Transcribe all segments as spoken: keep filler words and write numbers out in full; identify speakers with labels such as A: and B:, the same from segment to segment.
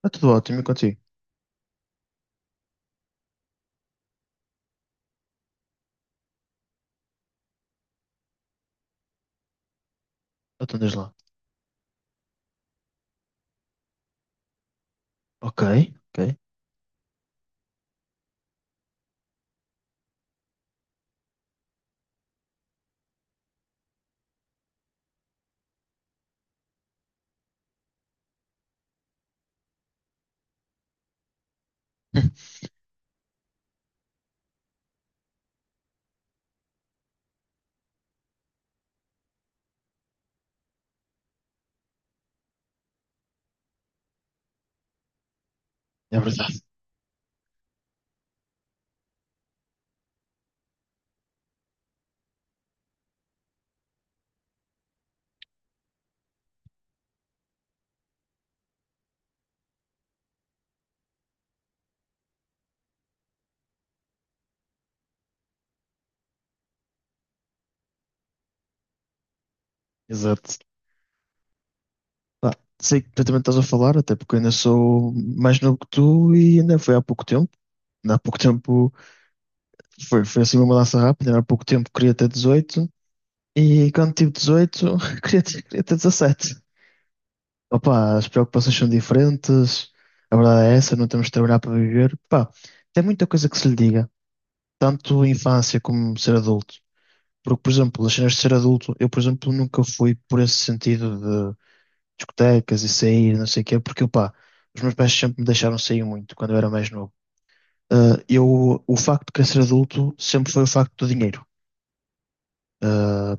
A: Está tudo ótimo e contigo? Então diz lá. Ok, ok. É verdade. Exato. Pá, sei que perfeitamente estás a falar, até porque eu ainda sou mais novo que tu e ainda foi há pouco tempo. Ainda há pouco tempo foi, foi assim uma mudança rápida. Ainda há pouco tempo queria ter dezoito e quando tive dezoito queria ter, queria ter dezassete. Opa, as preocupações são diferentes. A verdade é essa, não temos de trabalhar para viver. Pá, tem muita coisa que se lhe diga, tanto infância como ser adulto. Porque, por exemplo, as cenas de ser adulto, eu, por exemplo, nunca fui por esse sentido de discotecas e sair, não sei o quê, porque, pá, os meus pais sempre me deixaram sair muito quando eu era mais novo. Ah, eu, o facto de querer ser adulto sempre foi o facto do dinheiro. Ah,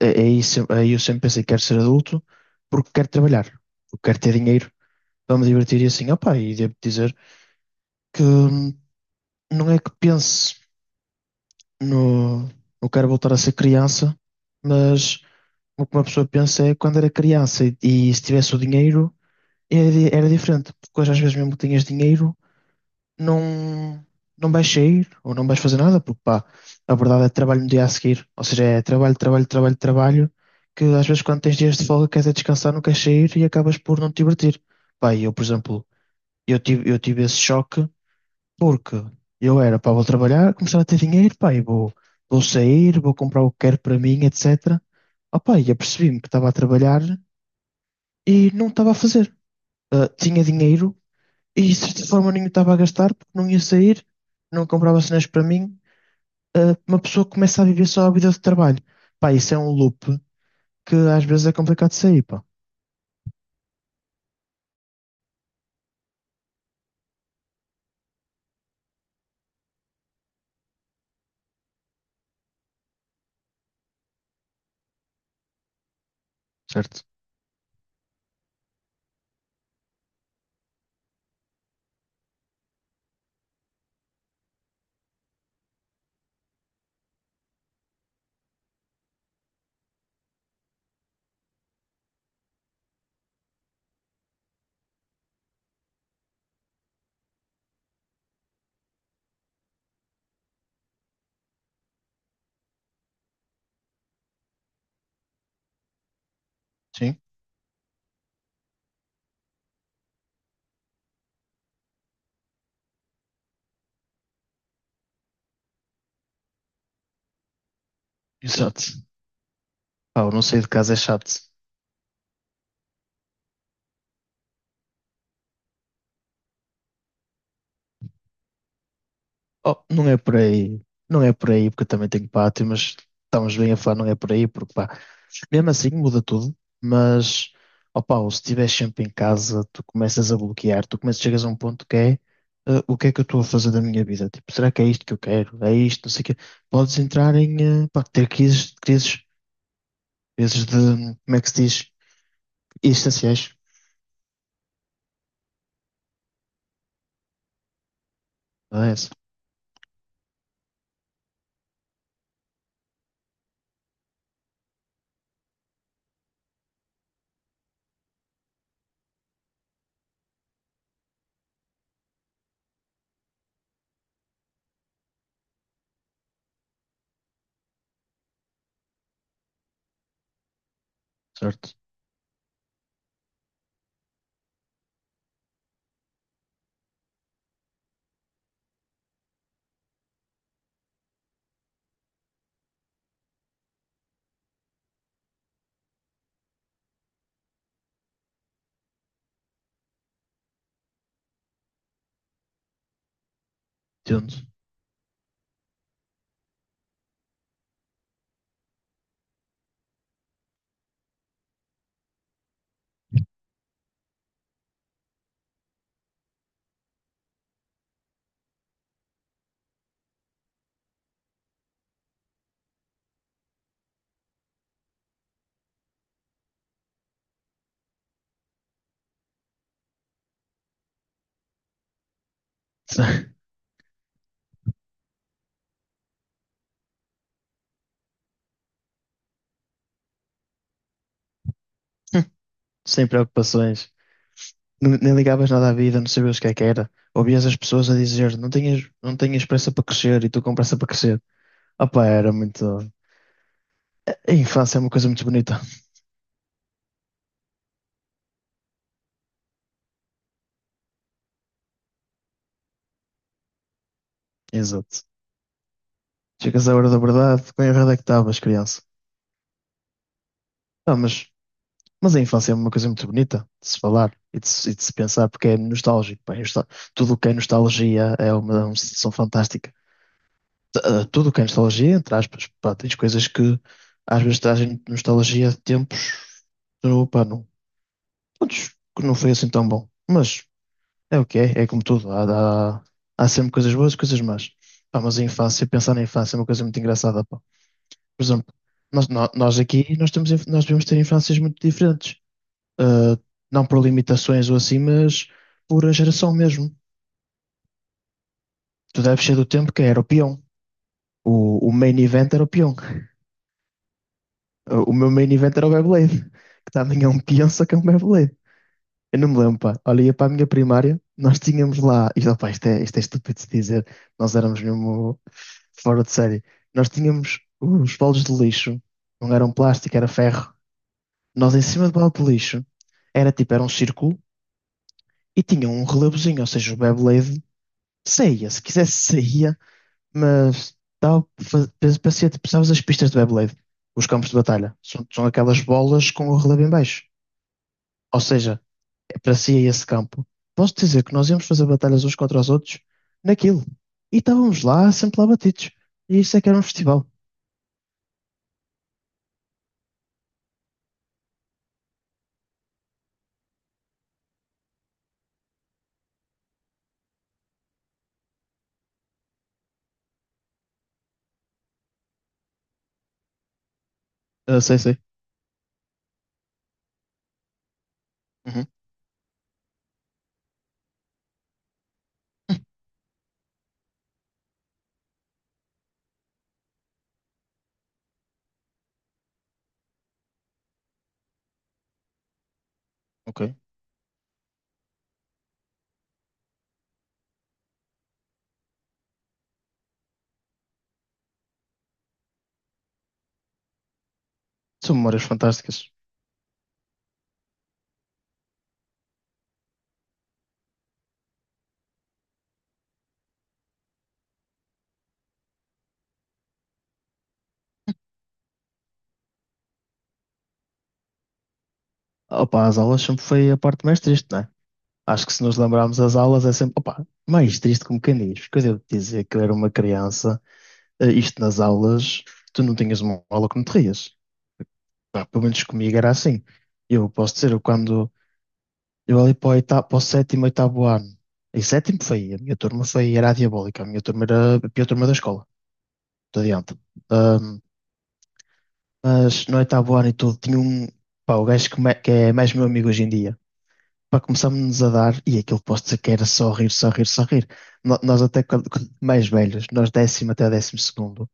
A: é- é aí, se- aí eu sempre pensei, que quero ser adulto porque quero trabalhar, porque quero ter dinheiro para me divertir e assim, opá, e devo dizer que hum, não é que pense no, no quero voltar a ser criança, mas o que uma pessoa pensa é quando era criança e, e se tivesse o dinheiro era, di- era diferente, porque hoje às vezes mesmo que tenhas dinheiro não, não vais sair ou não vais fazer nada, porque pá, a verdade é trabalho no dia a seguir, ou seja, é trabalho, trabalho, trabalho, trabalho, que às vezes quando tens dias de folga queres é descansar, não queres sair e acabas por não te divertir. Pá, e eu, por exemplo, eu tive, eu tive esse choque porque eu era, pá, vou trabalhar, começar a ter dinheiro, pá, e vou, vou sair, vou comprar o que quero para mim, etcétera. Opa, e apercebi-me que estava a trabalhar e não estava a fazer. Ah, Tinha dinheiro e de certa forma nem estava a gastar porque não ia sair, não comprava cenas para mim. Ah, uma pessoa começa a viver só a vida de trabalho. Pá, isso é um loop que às vezes é complicado de sair, pá. Certo? Sim. Exato. Pá, eu não sair de casa é chato. Oh, não é por aí, não é por aí, porque eu também tenho pátio, mas estamos bem a falar, não é por aí, porque pá, mesmo assim, muda tudo, mas opa, se estiveres sempre em casa, tu começas a bloquear, tu começas, chegas a um ponto que é eh, o que é que eu estou a fazer da minha vida? Tipo, será que é isto que eu quero? É isto, não sei o quê. Podes entrar em eh, pá, ter crises, crises, crises de, como é que se diz? Existenciais. Ah, é essa. Certo. Entendo. Sem preocupações. N- Nem ligavas nada à vida, não sabias o que é que era. Ouvias as pessoas a dizer, não tenhas, não tenhas pressa para crescer e tu com pressa para crescer. Opa, era muito. A infância é uma coisa muito bonita. Exato. Chegas à hora da verdade, com a verdade é que estavas, criança. Ah, mas, mas a infância é uma coisa muito bonita de se falar e de, se- e de se pensar, porque é nostálgico. Pá, é nostal- tudo o que é nostalgia é uma, é uma sensação fantástica. T- ah, tudo o que é nostalgia, entre aspas, pá, tens coisas que às vezes trazem nostalgia de tempos que, pá, não, putz, que não foi assim tão bom. Mas é o que é, é como tudo. Há, há, há sempre coisas boas e coisas más. Pá, mas a infância, pensar na infância é uma coisa muito engraçada, pá. Por exemplo, nós, nó- nós aqui nós temos, inf- nós devemos ter infâncias muito diferentes. Ah, não por limitações ou assim, mas por a geração mesmo. Tu deves ser do tempo que era o peão. O, o main event era o peão. Ah, O meu main event era o Beyblade, que também é um peão, só que é um Beyblade. Eu não me lembro, pá. Olha, ia para a minha primária, nós tínhamos lá. Isto, opá, isto é, isto é estúpido de se dizer, nós éramos mesmo fora de série. Nós tínhamos os bolos de lixo, não eram plástico, era ferro. Nós em cima do balde de lixo era tipo, era um círculo e tinha um relevozinho, ou seja, o Beyblade saía, se quisesse saía, mas dava- fa- parecia tipo, sabes as pistas de Beyblade, os campos de batalha, são, são aquelas bolas com o relevo em baixo. Ou seja, é- parecia esse campo. Posso dizer que nós íamos fazer batalhas uns contra os outros naquilo. E estávamos lá, sempre lá batidos. E isso é que era um festival. Ah, sei, sei. Uhum, ok. São memórias fantásticas. Opa, as aulas sempre foi a parte mais triste, não é? Acho que se nos lembrarmos as aulas é sempre, opa, mais triste como quem diz, porque eu devo dizer que eu era uma criança, eh, isto nas aulas, tu não tinhas uma aula que não te rias. Pá, pelo menos comigo era assim. Eu posso dizer, eu quando, eu ali para o, oitavo, para o sétimo, oitavo ano, e sétimo foi, a minha turma foi, era a diabólica, a minha turma era a pior turma da escola, não adianta. Ahm, mas no oitavo ano e tudo, tinha um, pá, o gajo que, me- que é mais meu amigo hoje em dia, para começámos-nos a dar, e aquilo posso dizer que era só rir, só rir, só rir. No- Nós até quando, quando mais velhos, nós décimo até décimo segundo,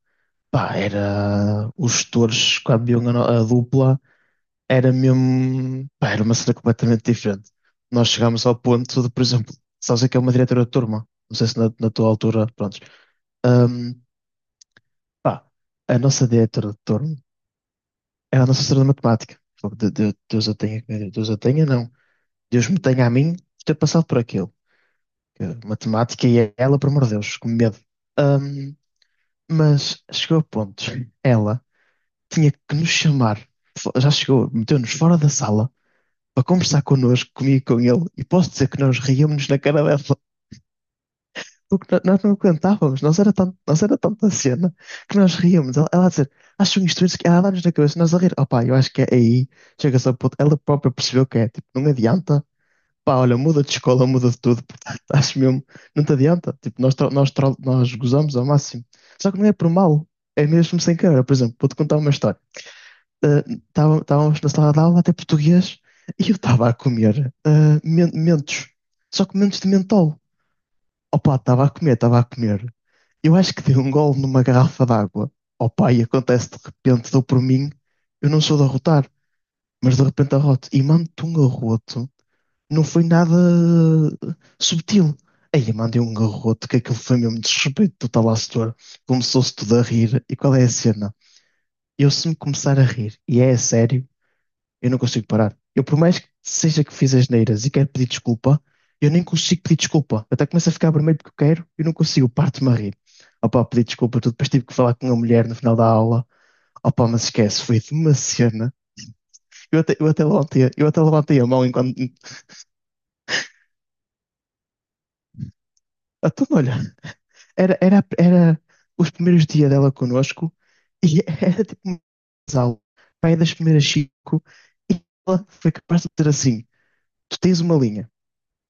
A: pá, era, os tutores quando viam a, no- a dupla, era mesmo, pá, era uma cena completamente diferente. Nós chegámos ao ponto de, por exemplo, sabes o que é uma diretora de turma? Não sei se na, na tua altura, prontos. Ahm, Pá, a nossa diretora de turma era a nossa senhora de matemática. Fogo, de- de- Deus a tenha, Deus a tenha, não. Deus me tenha a mim por ter passado por aquilo. Que matemática e ela, por amor de Deus, com medo. Ahm, mas chegou a pontos. Ela tinha que nos chamar. Fo- Já chegou, meteu-nos fora da sala para conversar connosco, comigo e com ele. E posso dizer que nós ríamos na cara dela. Porque no- nós não aguentávamos. Nós era, tanto, nós era tanta cena que nós ríamos. Ela, ela a dizer, acham isto, isso, que ela a dar-nos na cabeça, nós a rir. Opá, eu acho que é aí. Chega-se a ponto. Ela própria percebeu que é, tipo, não adianta. Pá, olha, muda de escola, muda de tudo, portanto, acho mesmo, não te adianta. Tipo, nós, tro- nós, tro- nós gozamos ao máximo. Só que não é por mal, é mesmo sem querer. Por exemplo, vou-te contar uma história. Ah, tava- Estávamos na sala de aula, até português, e eu estava a comer ah, men- mentos, só que mentos de mentol. Opa, estava a comer, estava a comer. Eu acho que dei um gole numa garrafa d'água. Opa, e acontece de repente, dou por mim, eu não sou de arrotar, mas de repente arroto, e mando-te um arroto não foi nada subtil. Aí eu mandei um garrote que aquilo foi mesmo desrespeito total à setor. Começou-se tudo a rir. E qual é a cena? Eu, se me começar a rir, e é a sério, eu não consigo parar. Eu, por mais que seja que fiz asneiras e quero pedir desculpa, eu nem consigo pedir desculpa. Eu até começo a ficar vermelho porque eu quero, eu não consigo, parto-me a rir. Opa, pedi desculpa, tudo. Depois tive que falar com a mulher no final da aula. Opa, mas esquece, foi de uma cena. Eu até, eu até levantei, eu até levantei a mão enquanto. Ah, Então, olha, Era, era, era os primeiros dias dela connosco e era tipo uma aula, pai das primeiras cinco, e ela foi capaz de dizer assim: tu tens uma linha,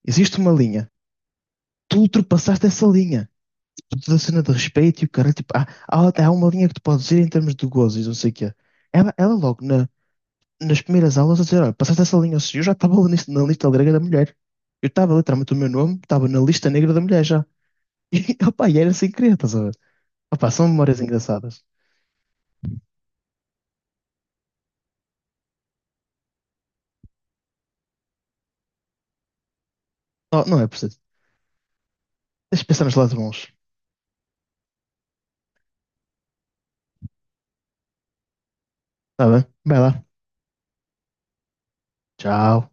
A: existe uma linha, tu ultrapassaste essa linha. Tipo, toda a cena de respeito e o cara, tipo, há, há, há uma linha que tu podes ir em termos de gozos e não sei o quê. Ela, ela logo na, nas primeiras aulas a dizer: olha, passaste essa linha, ou seja, eu já estava na, na lista negra da mulher. Eu estava literalmente o meu nome, estava na lista negra da mulher já. E, opa, e era sem querer, estás a ver? Opa, são memórias engraçadas. Não, não é preciso. Deixa pensar nos lados bons. Tá bem? Vai lá. Tchau.